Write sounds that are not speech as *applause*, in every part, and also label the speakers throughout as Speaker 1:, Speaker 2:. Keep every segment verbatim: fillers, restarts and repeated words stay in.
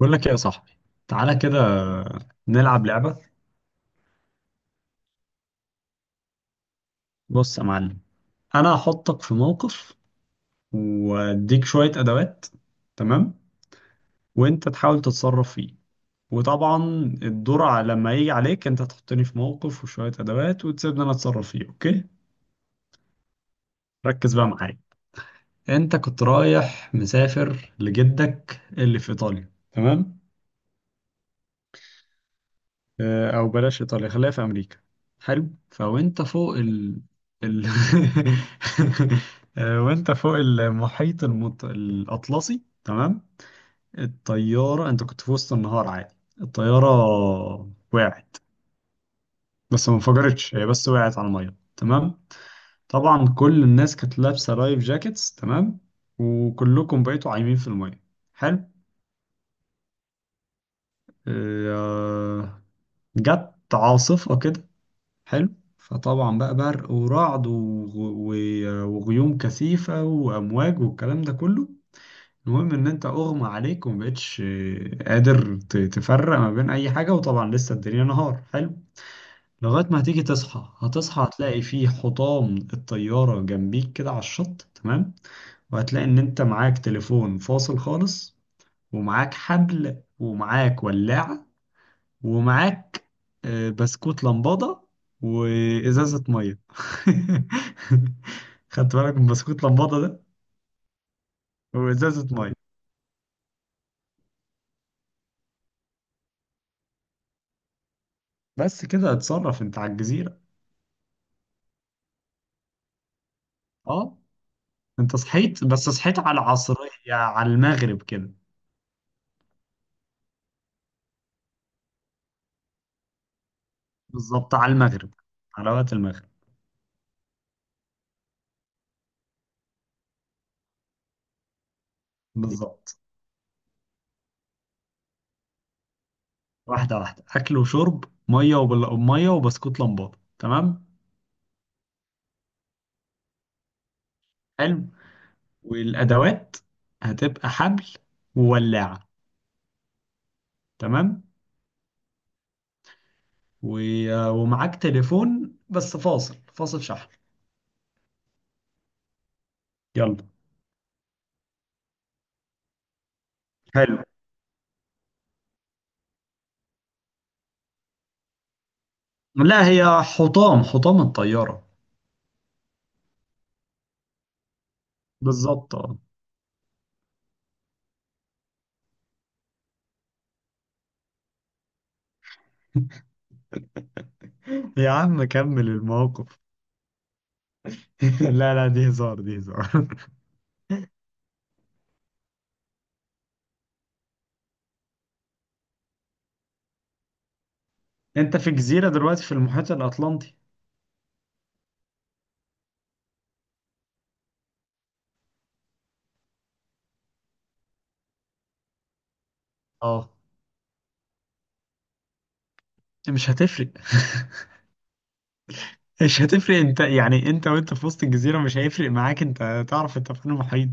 Speaker 1: بقول لك ايه يا صاحبي؟ تعالى كده نلعب لعبة. بص يا معلم، انا هحطك في موقف واديك شوية ادوات، تمام؟ وانت تحاول تتصرف فيه. وطبعا الدور ع- لما يجي عليك انت تحطني في موقف وشوية ادوات وتسيبني انا اتصرف فيه. اوكي، ركز بقى معايا. انت كنت رايح مسافر لجدك اللي في ايطاليا، تمام؟ آه، او بلاش ايطاليا، خليها في امريكا. حلو، فوانت فوق ال ال *laughs* آه، وانت فوق المحيط المط... الاطلسي، تمام. الطياره، انت كنت في وسط النهار عادي. الطياره وقعت، بس ما انفجرتش، هي بس وقعت على الميه، تمام. طبعا كل الناس كانت لابسه لايف جاكيتس، تمام، وكلكم بقيتوا عايمين في الميه. حلو. آه، جت عاصفه كده. حلو. فطبعا بقى برق ورعد وغ- و- وغيوم كثيفة وأمواج والكلام ده كله. المهم إن أنت أغمى عليك ومبقتش قادر ت- تفرق ما بين أي حاجة، وطبعا لسه الدنيا نهار. حلو، لغاية ما هتيجي تصحى، هتصحى هتلاقي فيه حطام الطيارة جنبيك كده على الشط، تمام. وهتلاقي إن أنت معاك تليفون فاصل خالص، ومعاك حبل، ومعاك ولاعة، ومعاك آه، بسكوت لمبادة وإزازة مية. *laughs* خدت بالك من بسكوت لمبادة ده؟ وإزازة مية. بس كده، اتصرف انت على الجزيرة. اه، انت صحيت، بس صحيت على العصرية، على المغرب كده. بالظبط، على المغرب، على وقت المغرب. بالظبط. واحدة واحدة، أكل وشرب مية وبل... مية وبسكوت لمبادة، تمام. حلو، والأدوات هتبقى حبل وولاعة، تمام. و- ومعاك تليفون بس فاصل، فاصل شحن. يلا، حلو. لا، هي حطام، حطام الطيارة. بالظبط، اه. يا عم كمل الموقف. *laughs* لا لا، دي هزار، دي هزار. *laughs* انت في جزيرة دلوقتي في المحيط الأطلنطي. اه. مش هتفرق. *laughs* مش هتفرق انت، يعني انت وانت في وسط الجزيرة مش هيفرق معاك، انت تعرف انت في المحيط.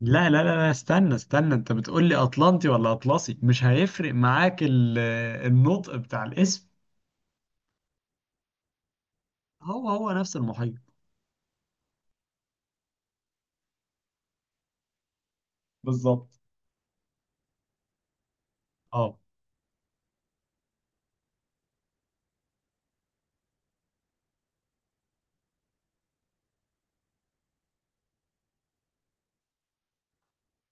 Speaker 1: لا لا لا لا، استنى استنى، انت بتقول لي أطلنطي ولا أطلسي؟ مش هيفرق معاك ال- النطق بتاع الاسم. هو هو نفس المحيط. بالظبط، اه.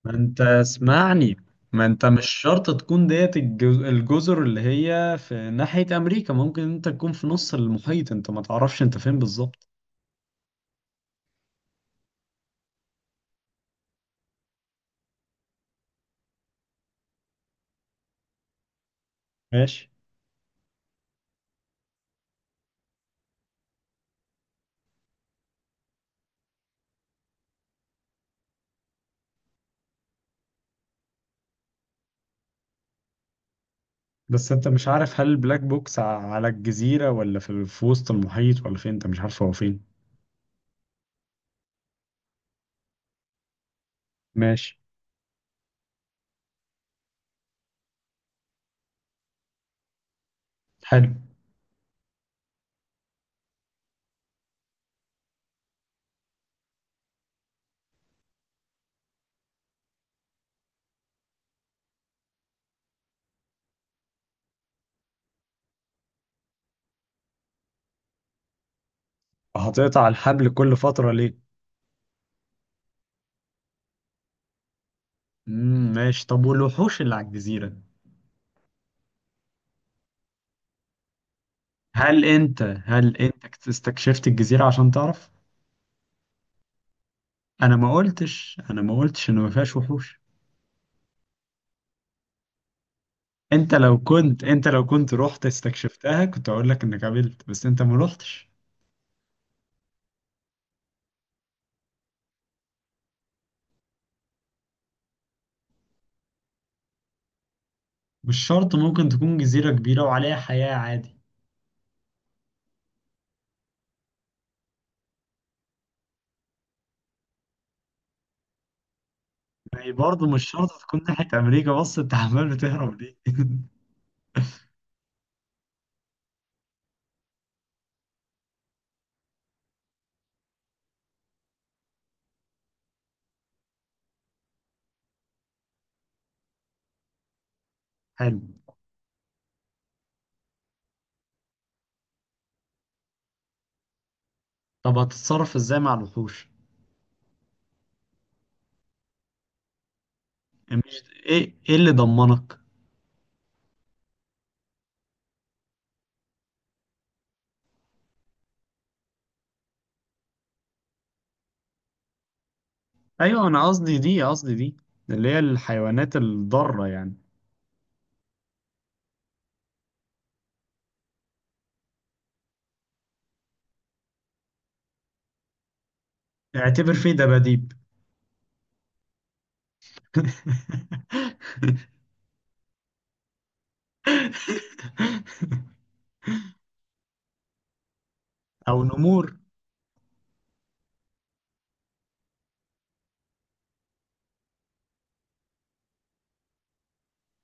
Speaker 1: ما انت اسمعني، ما انت مش شرط تكون ديت الجز- الجزر اللي هي في ناحية امريكا، ممكن انت تكون في نص المحيط، انت ما تعرفش انت فين بالظبط. ماشي. بس انت مش عارف هل البلاك بوكس ع- على الجزيرة ولا في ال- في وسط المحيط ولا فين، انت مش عارف هو فين. ماشي. حلو. هتقطع الحبل كل فترة ليه؟ امم ماشي. طب والوحوش اللي على الجزيرة؟ هل انت هل انت استكشفت الجزيرة عشان تعرف؟ انا ما قلتش، انا ما قلتش ان ما فيهاش وحوش. انت لو كنت، انت لو كنت رحت استكشفتها كنت اقول لك انك قابلت، بس انت ما رحتش. مش شرط، ممكن تكون جزيرة كبيرة وعليها حياة عادي. يعني برضه مش شرط تكون ناحية امريكا، بس انت *laughs* عمال بتهرب ليه؟ *laughs* حلو. طب هتتصرف ازاي مع الوحوش؟ مش ايه، ايه اللي ضمنك؟ ايوه، انا قصدي دي، قصدي دي اللي هي الحيوانات الضارة يعني. اعتبر فيه دباديب. *laughs* او نمور.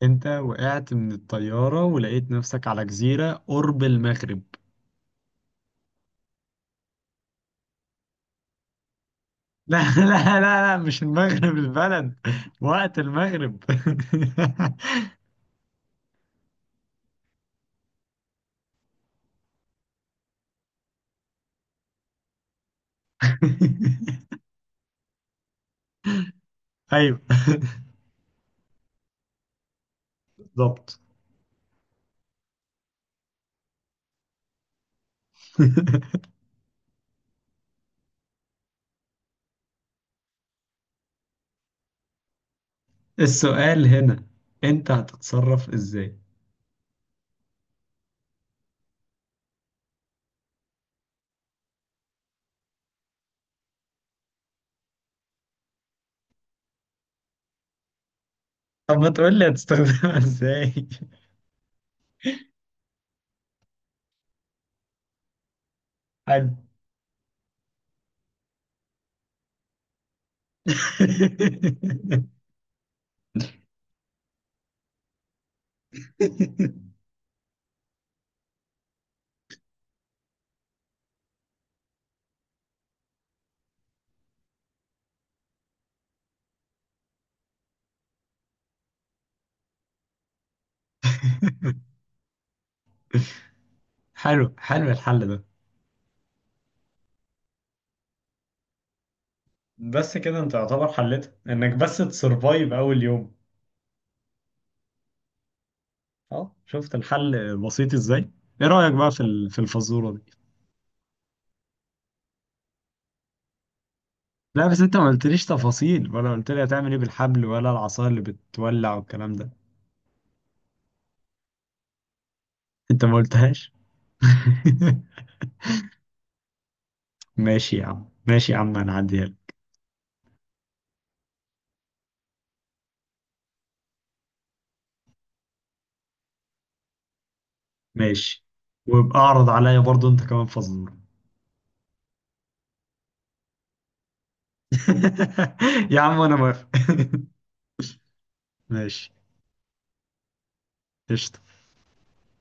Speaker 1: انت وقعت من الطيارة ولقيت نفسك على جزيرة قرب المغرب. *laughs* لا لا لا لا، مش المغرب البلد، وقت المغرب. *laughs* ايوه، بالظبط. *laughs* السؤال هنا، انت هتتصرف ازاي؟ طب ما تقول لي هتستخدمها ازاي. *laughs* حلو. *laughs* حلو، حلو الحل ده. بس كده، انت يعتبر حلتها انك بس تسرفايف اول يوم. اه، شفت الحل بسيط ازاي؟ ايه رأيك بقى في ال- في الفزورة دي؟ لا بس انت ما قلتليش تفاصيل، ولا قلت لي هتعمل ايه بالحبل، ولا العصا اللي بتولع والكلام ده. انت ما قلتهاش. *laughs* ماشي يا عم، ماشي يا عم، انا هعديها لك. ماشي، وابقى اعرض عليا برضو انت كمان فزورة. *laughs* يا عم انا موافق. *laughs* ماشي، قشطة.